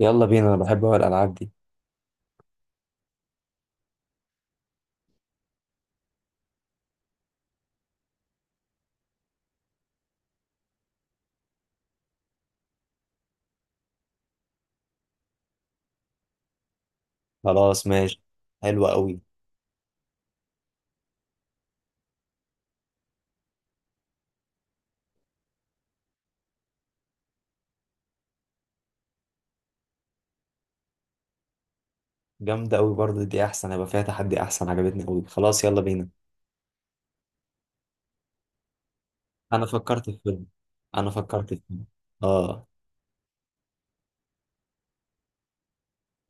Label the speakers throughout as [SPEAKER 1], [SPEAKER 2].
[SPEAKER 1] يلا بينا، انا بحب أوي الالعاب دي. خلاص ماشي. حلوة قوي. جامدة قوي برضه، دي احسن، هيبقى فيها تحدي احسن، عجبتني قوي. خلاص يلا بينا. انا فكرت في فيلم. انا فكرت في فيلم اه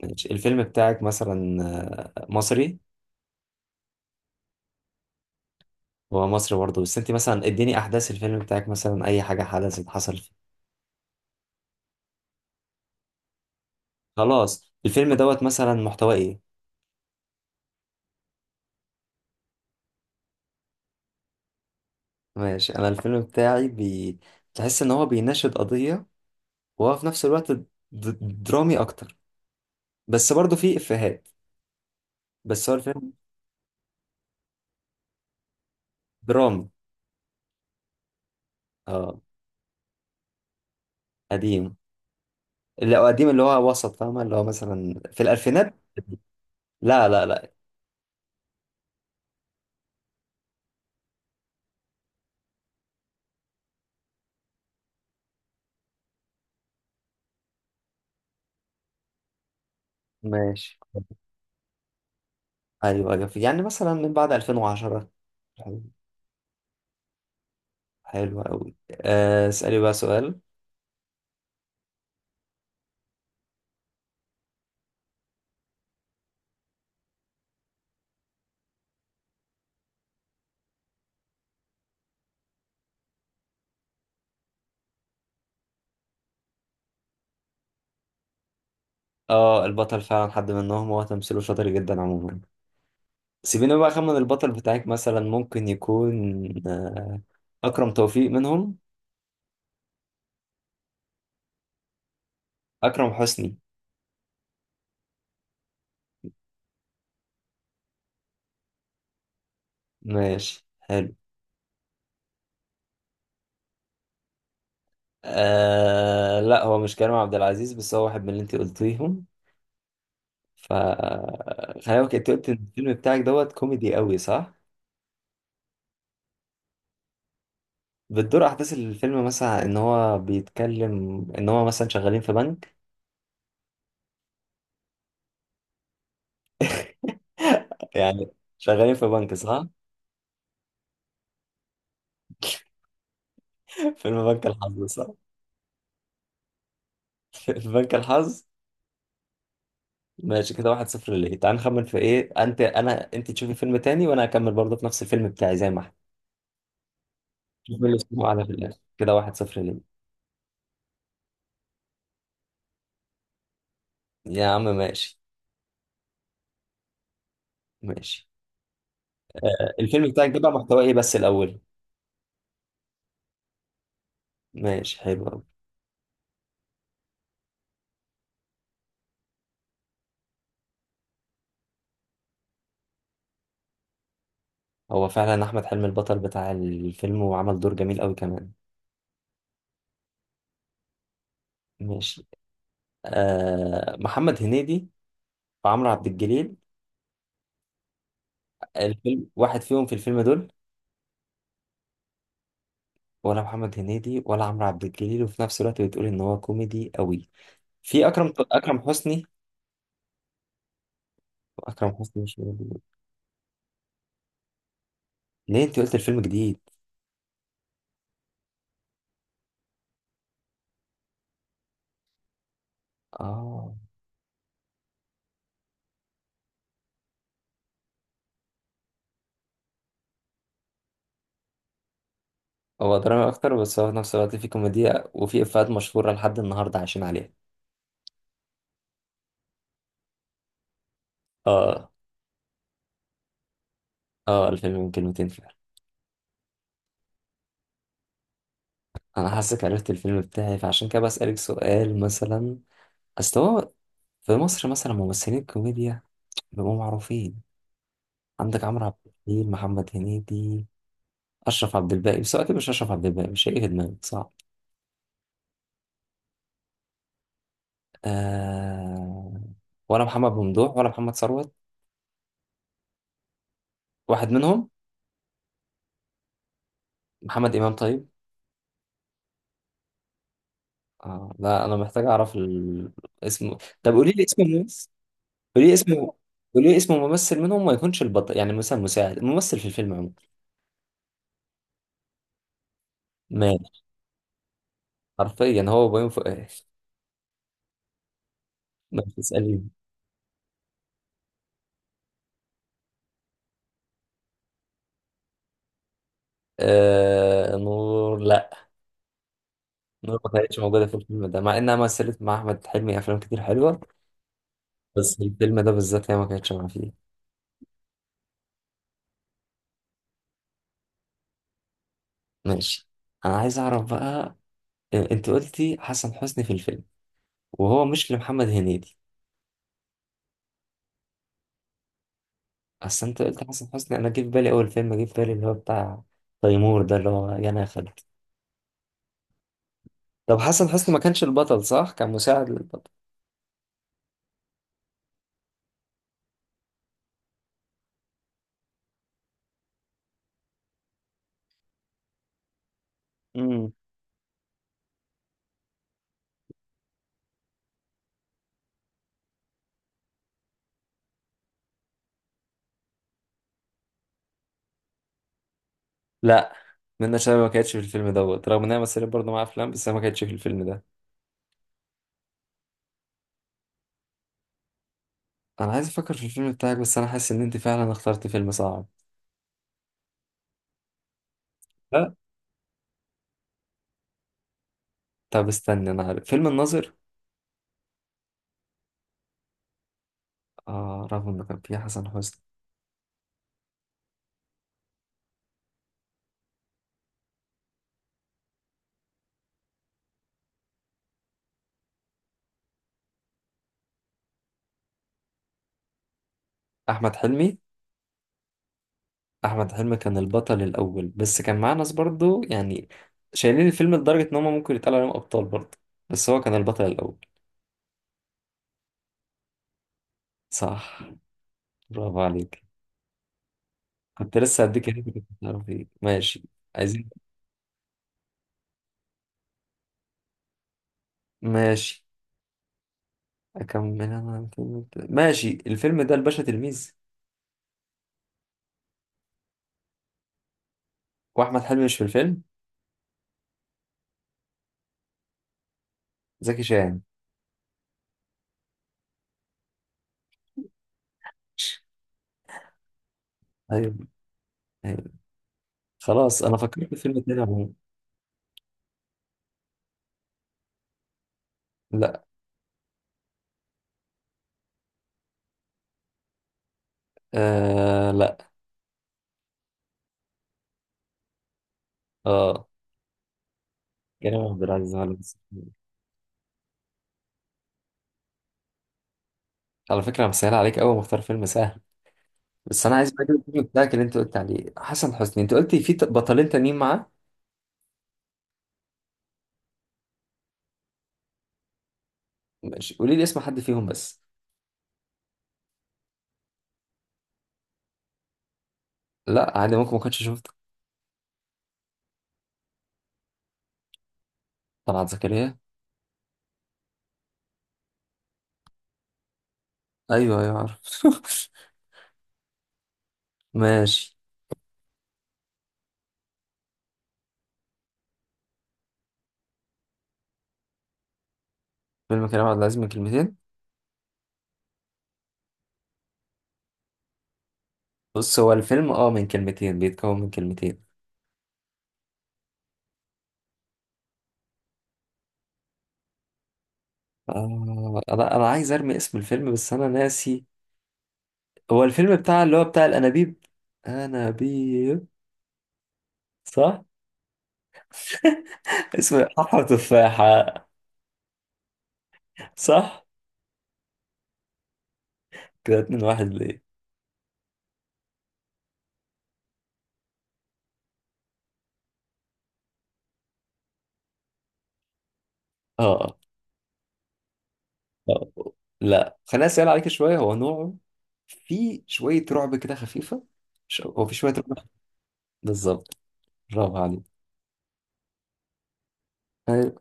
[SPEAKER 1] ماشي، الفيلم بتاعك مثلا مصري. هو مصري برضه، بس انت مثلا اديني احداث الفيلم بتاعك، مثلا اي حاجة حدثت حصل فيه. خلاص الفيلم دوت مثلا محتواه ايه؟ ماشي، انا الفيلم بتاعي تحس ان هو بيناشد قضية، وهو في نفس الوقت درامي اكتر، بس برضه فيه افيهات، بس هو الفيلم. دراما. اه، قديم، اللي هو قديم اللي هو وسط، فاهمة، اللي هو مثلا في الألفينات. لا لا لا. ماشي. أيوة أيوة، يعني مثلا من بعد 2010. حلو. حلو أوي. اسألي بقى سؤال. اه البطل فعلا حد منهم، هو تمثيله شاطر جدا عموما. سيبيني بقى أخمن البطل بتاعك، مثلا ممكن يكون أكرم توفيق منهم. أكرم حسني. ماشي حلو. آه لا، هو مش كريم عبد العزيز، بس هو واحد من اللي انت قلتيهم. ف خلي بالك انت قلت إن الفيلم بتاعك دوت كوميدي قوي، صح؟ بتدور احداث الفيلم مثلا ان هو بيتكلم ان هو مثلا شغالين في بنك. يعني شغالين في بنك، صح؟ فيلم بنك الحظ، صح؟ في بنك الحظ. ماشي، كده واحد صفر ليه. تعال نخمن في ايه، انت تشوفي فيلم تاني وانا هكمل برضه في نفس الفيلم بتاعي زي ما احنا. شوف مين اللي اسمه اعلى في الاخر، كده واحد صفر ليه. يا عم ماشي. ماشي، الفيلم بتاعك ده بقى محتواه ايه بس الاول؟ ماشي حلو. هو فعلا احمد حلمي البطل بتاع الفيلم، وعمل دور جميل قوي كمان. ماشي. آه محمد هنيدي وعمرو عبد الجليل. الفيلم واحد فيهم في الفيلم دول؟ ولا محمد هنيدي ولا عمرو عبد الجليل، وفي نفس الوقت بتقول ان هو كوميدي قوي. في اكرم حسني. اكرم حسني مش موجود. ليه انت قلت الفيلم جديد؟ اه. هو درامي اكتر، بس هو في نفس الوقت فيه كوميديا وفيه افيهات مشهورة لحد النهارده عايشين عليها. اه. اه الفيلم من كلمتين فعلا. انا حاسك عرفت الفيلم بتاعي، فعشان كده بسألك سؤال مثلا. اصل هو، في مصر مثلا ممثلين الكوميديا بيبقوا معروفين. عندك عمرو عبد الحليم، محمد هنيدي، اشرف عبد الباقي. بس هو اكيد مش اشرف عبد الباقي، مش هيجي في دماغي، صعب. آه... ولا محمد ممدوح، ولا محمد ثروت، واحد منهم. محمد امام طيب. لا انا محتاج اعرف اسمه. طب قولي لي اسم الممثل. قولي لي اسمه. قولي لي اسم ممثل منهم، ما يكونش البطل، يعني مثلا مساعد ممثل في الفيلم عموما. مات. حرفيا هو وبيومي فؤاد ما تسأليني. نور لا. نور ما كانتش موجودة في الفيلم ده، مع إنها مثلت مع أحمد حلمي أفلام كتير حلوة. بس الفيلم ده بالذات هي ما كانتش معاه فيه. ماشي. أنا عايز أعرف بقى أنت قلتي حسن حسني في الفيلم وهو مش لمحمد هنيدي. أصل أنت قلت حسن حسني، أنا جه في بالي أول فيلم جه في بالي، اللي هو بتاع تيمور ده، اللي هو يا أنا يا خالد. طب حسن حسني ما كانش البطل صح؟ كان مساعد للبطل. امم. لا، منة شلبي ما كانتش في الفيلم دوت، رغم انها مثلت برضه مع افلام، بس هي ما كانتش في الفيلم ده. انا عايز افكر في الفيلم بتاعك، بس انا حاسس ان انت فعلا اخترت فيلم صعب. طب استنى، انا عارف فيلم الناظر، آه رغم انه كان فيه حسن حسني. احمد حلمي. احمد حلمي كان البطل الاول، بس كان معاه ناس برضه يعني شايلين الفيلم لدرجة ان هم ممكن يتقال عليهم ابطال برضه، بس هو كان البطل الاول. صح. برافو عليك. كنت لسه هديك هنا كنت هتعرف ايه. ماشي. عايزين. ماشي، اكمل انا الفيلم ده. ماشي الفيلم ده الباشا تلميذ. واحمد حلمي مش في الفيلم. زكي شان. ايوه ايوه، خلاص انا فكرت في فيلم تاني عموما. لا. آه لا. اه، كريم عبد العزيز على مصر. على فكرة أنا مسهل عليك أوي، مختار فيلم سهل. بس أنا عايز بقى أجيب الفيلم بتاعك، اللي أنت قلت عليه حسن حسني، أنت قلت في بطلين تانيين معاه. ماشي قولي لي اسم حد فيهم بس. لا عادي، ممكن ما كنتش شفته. طلعت زكريا. أيوه أيوه عارف. ماشي. فيلم كريم عبد العزيز من كلمتين. بص هو الفيلم أه من كلمتين، بيتكون من كلمتين. آه أنا عايز أرمي اسم الفيلم بس أنا ناسي. هو الفيلم بتاع اللي هو بتاع الأنابيب. أنابيب. صح؟ اسمه حفرة تفاحة، صح؟ كده اتنين واحد ليه. اه. آه. لا خليني اسال عليك شويه هو نوعه. في شويه رعب كده خفيفه. هو في شويه رعب. بالظبط. برافو عليك. طيب.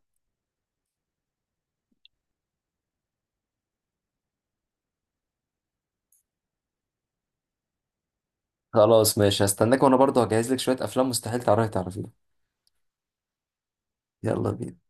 [SPEAKER 1] خلاص ماشي، هستناك وانا برضه هجهز لك شويه افلام مستحيل تعرفيها. يلا بينا.